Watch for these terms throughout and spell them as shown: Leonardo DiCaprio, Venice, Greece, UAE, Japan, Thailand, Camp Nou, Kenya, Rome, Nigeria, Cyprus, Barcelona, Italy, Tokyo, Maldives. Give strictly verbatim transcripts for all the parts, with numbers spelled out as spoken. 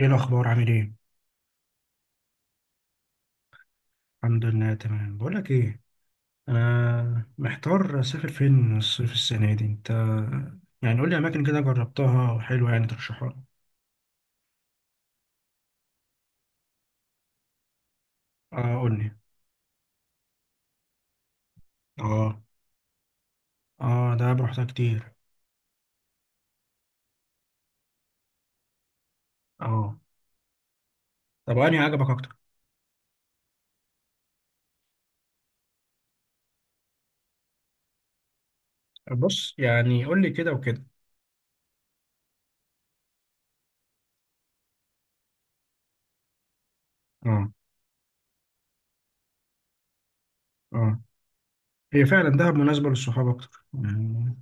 ايه الاخبار؟ عامل ايه؟ الحمد لله، تمام. بقول لك ايه، انا محتار اسافر فين الصيف السنه دي؟ انت يعني قول لي اماكن كده جربتها وحلوه، يعني ترشحها لي. اه، قول لي. اه. اه، ده رحتها كتير. اه. طب انهي عجبك اكتر؟ بص، يعني قول لي كده وكده. اه. اه. هي فعلا دهب مناسبه للصحاب اكتر يعني.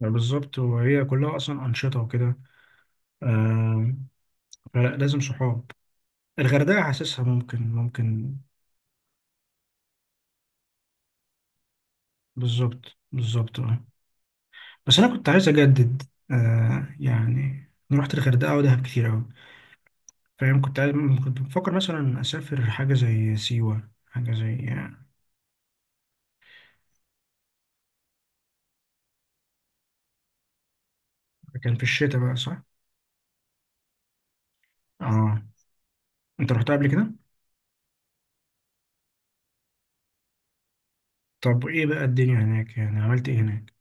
بالظبط، وهي كلها اصلا انشطه وكده. آه. فلازم صحاب. الغردقه حاسسها ممكن، ممكن. بالظبط، بالظبط. بس انا كنت عايز اجدد. آه، يعني انا رحت الغردقه ودهب كتير قوي. فاهم. كنت عايز، كنت بفكر مثلا اسافر حاجه زي سيوه، حاجه زي آه، كان في الشتاء بقى، صح؟ اه. انت رحتها قبل كده؟ طب ايه بقى الدنيا هناك، يعني عملت ايه هناك؟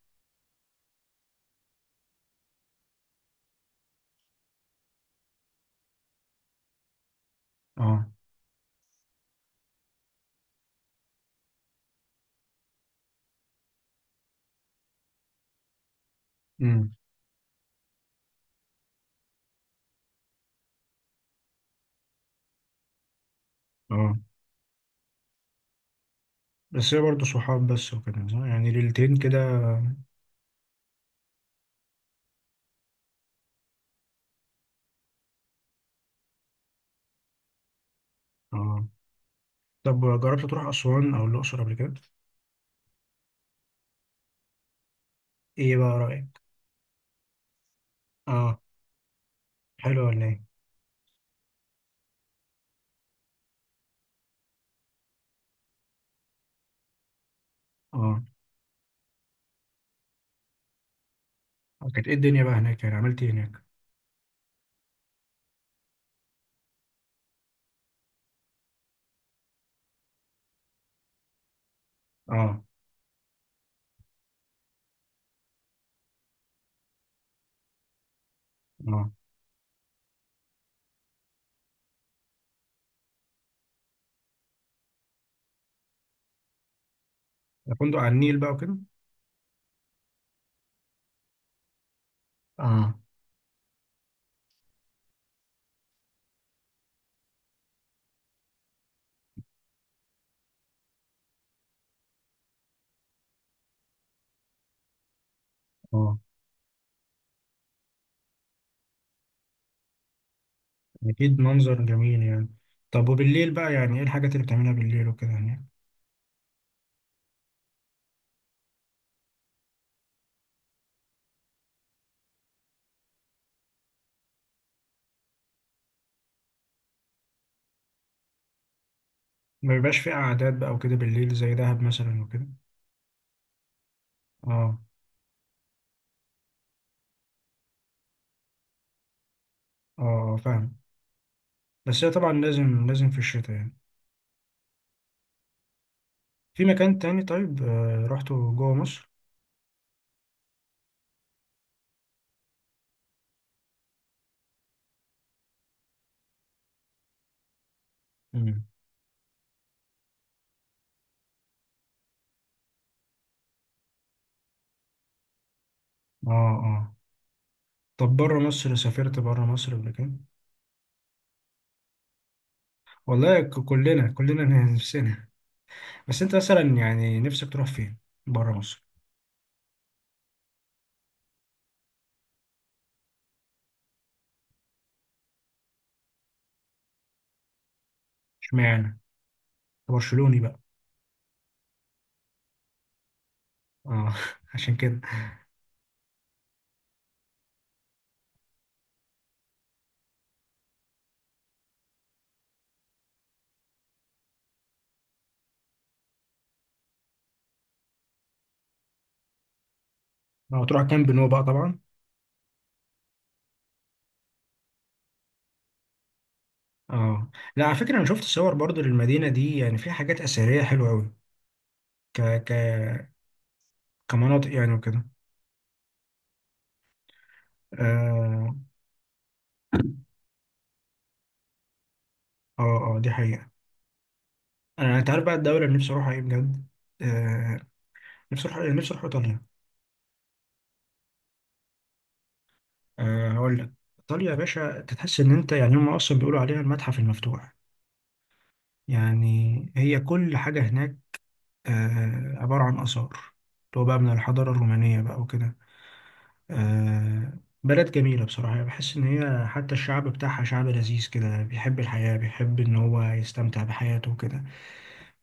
اه. امم. اه. بس هي برضه صحاب بس وكده، صح؟ يعني ليلتين كده. اه. طب جربت تروح اسوان او الاقصر قبل كده؟ ايه بقى رايك؟ اه. حلو ولا ايه؟ اه. كانت ايه الدنيا بقى هناك، يعني عملت ايه هناك؟ اه. اه، ده فندق على النيل بقى وكده؟ اه. اه. أكيد منظر جميل يعني. طب وبالليل بقى يعني، إيه الحاجات اللي بتعملها بالليل وكده يعني؟ ما بيبقاش في قعدات بقى وكده بالليل زي دهب مثلا وكده؟ آه. آه، فاهم. بس هي طبعا لازم، لازم في الشتاء يعني. في مكان تاني طيب، آه رحته جوه مصر؟ امم. آه. آه. طب بره مصر، سافرت بره مصر قبل كده؟ والله، ك- كلنا كلنا نفسنا. بس أنت مثلا يعني نفسك تروح فين؟ بره مصر. اشمعنى أنت؟ برشلوني بقى؟ آه، عشان كده. اه، تروح كامب نو بقى طبعا. اه. لا، على فكره انا شفت صور برضو للمدينه دي، يعني فيها حاجات اثريه حلوه قوي. ك ك كمناطق يعني وكده. اه. اه. آه، دي حقيقه. انا انت عارف بقى الدوله اللي نفسي اروحها ايه بجد؟ آه. نفسي اروح، نفسي اروح ايطاليا. آه، هقول لك. ايطاليا يا باشا، انت تحس ان انت، يعني هم اصلا بيقولوا عليها المتحف المفتوح. يعني هي كل حاجه هناك آه، عباره عن اثار، اللي هو بقى من الحضاره الرومانيه بقى وكده. آه. بلد جميلة بصراحة، يعني بحس إن هي حتى الشعب بتاعها شعب لذيذ كده، بيحب الحياة، بيحب إن هو يستمتع بحياته وكده.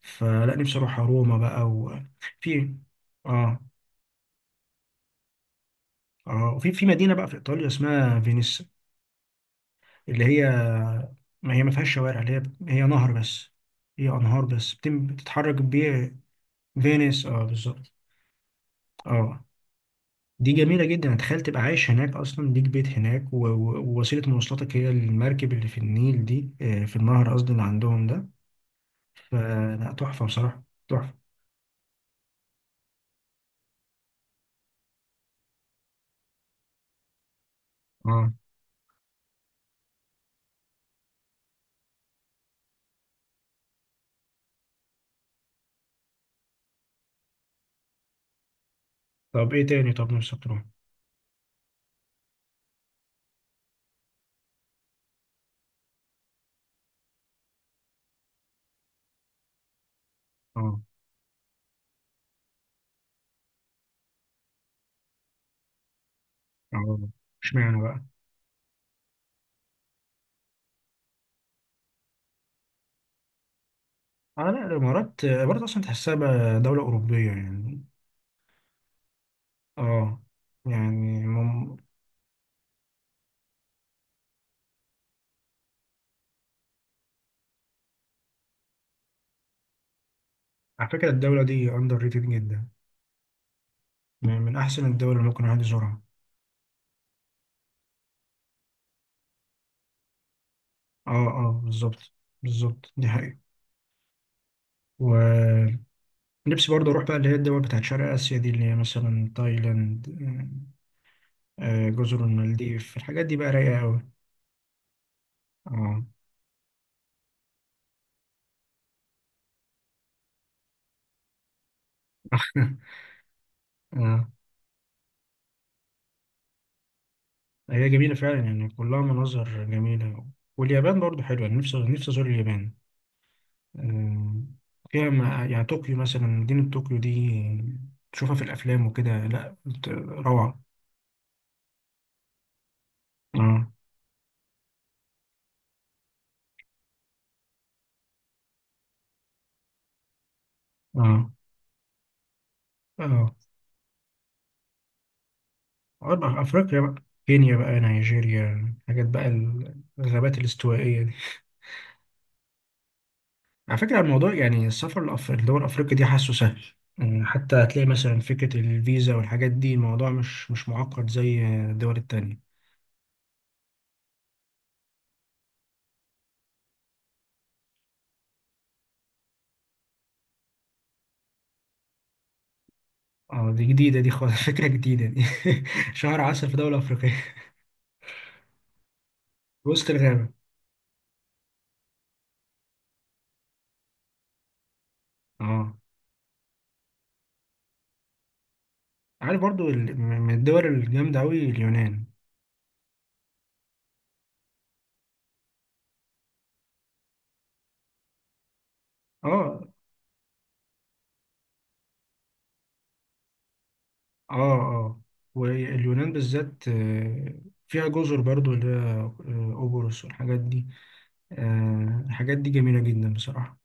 فلا، نفسي أروح روما بقى، وفي آه. آه، وفي في مدينة بقى في إيطاليا اسمها فينيس، اللي هي، ما هي ما فيهاش شوارع، اللي هي هي نهر بس. هي أنهار بس بتم- بتتحرك بيه. فينيس، آه بالظبط. آه. دي جميلة جدا، تخيل تبقى عايش هناك أصلا، ليك بيت هناك و- و- ووسيلة مواصلاتك هي المركب اللي في النيل دي، آه، في النهر قصدي اللي عندهم ده. فلا، تحفة بصراحة، تحفة. اه. طب ايه تاني؟ طب نفسك تروح؟ اه. اه. اشمعنى بقى؟ اه، لا الإمارات، آه، الإمارات أصلا تحسها بقى دولة أوروبية يعني. اه. يعني مم... على فكرة الدولة دي أندر ريتد جدا، من من أحسن الدول اللي ممكن الواحد يزورها. اه. اه. بالظبط، بالظبط، دي حقيقة و نفسي برضه أروح بقى اللي هي الدول بتاعت شرق آسيا دي، اللي هي مثلا تايلاند، آه، آه، جزر المالديف، الحاجات دي بقى رايقة أوي. اه. اه. هي جميلة فعلا يعني، كلها مناظر جميلة. واليابان برضه حلوة، أنا نفسي نفسي أزور اليابان. آه. فيها ما- يعني طوكيو مثلا، مدينة طوكيو دي تشوفها في الأفلام وكده، لا بت- روعة. اه. اه. اه. أربع أفريقيا بقى، كينيا بقى، نيجيريا، حاجات بقى. الغابات الاستوائية دي. على فكرة، الموضوع يعني السفر لأف- لدول أفريقيا دي حاسه سهل. يعني حتى هتلاقي مثلا فكرة الفيزا والحاجات دي، الموضوع مش مش معقد زي الدول التانية. اه، دي جديدة دي خالص فكرة جديدة دي. شهر عسل في دولة أفريقية. وسط الغابة. اه، عارف برضو ال- من الدول الجامدة أوي اليونان. اه. اه. اه. واليونان بالذات آه، فيها جزر برضو اللي هي آه، قبرص والحاجات دي. آه، الحاجات دي جميلة جدا بصراحة.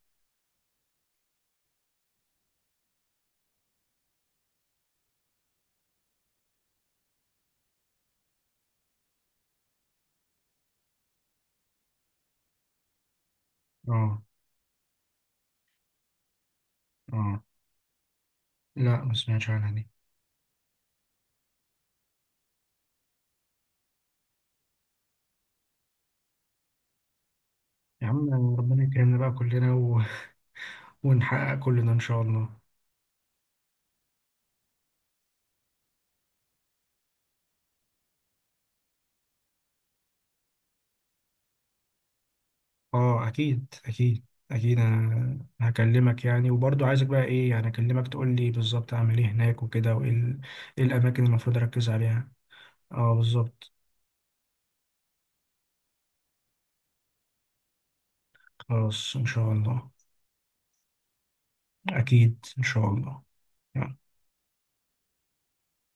اه. اه. لا، ما سمعتش عنها دي. يا عم، ربنا يكرمنا بقى كلنا و... ونحقق كلنا ان شاء الله. اه، اكيد اكيد. اكيد، انا هكلمك يعني، وبرضه عايزك بقى ايه، يعني اكلمك تقول لي بالظبط اعمل ايه هناك وكده، وايه ال... إيه الاماكن اللي المفروض اركز عليها؟ اه، بالظبط. خلاص، ان شاء الله. اكيد، ان شاء الله.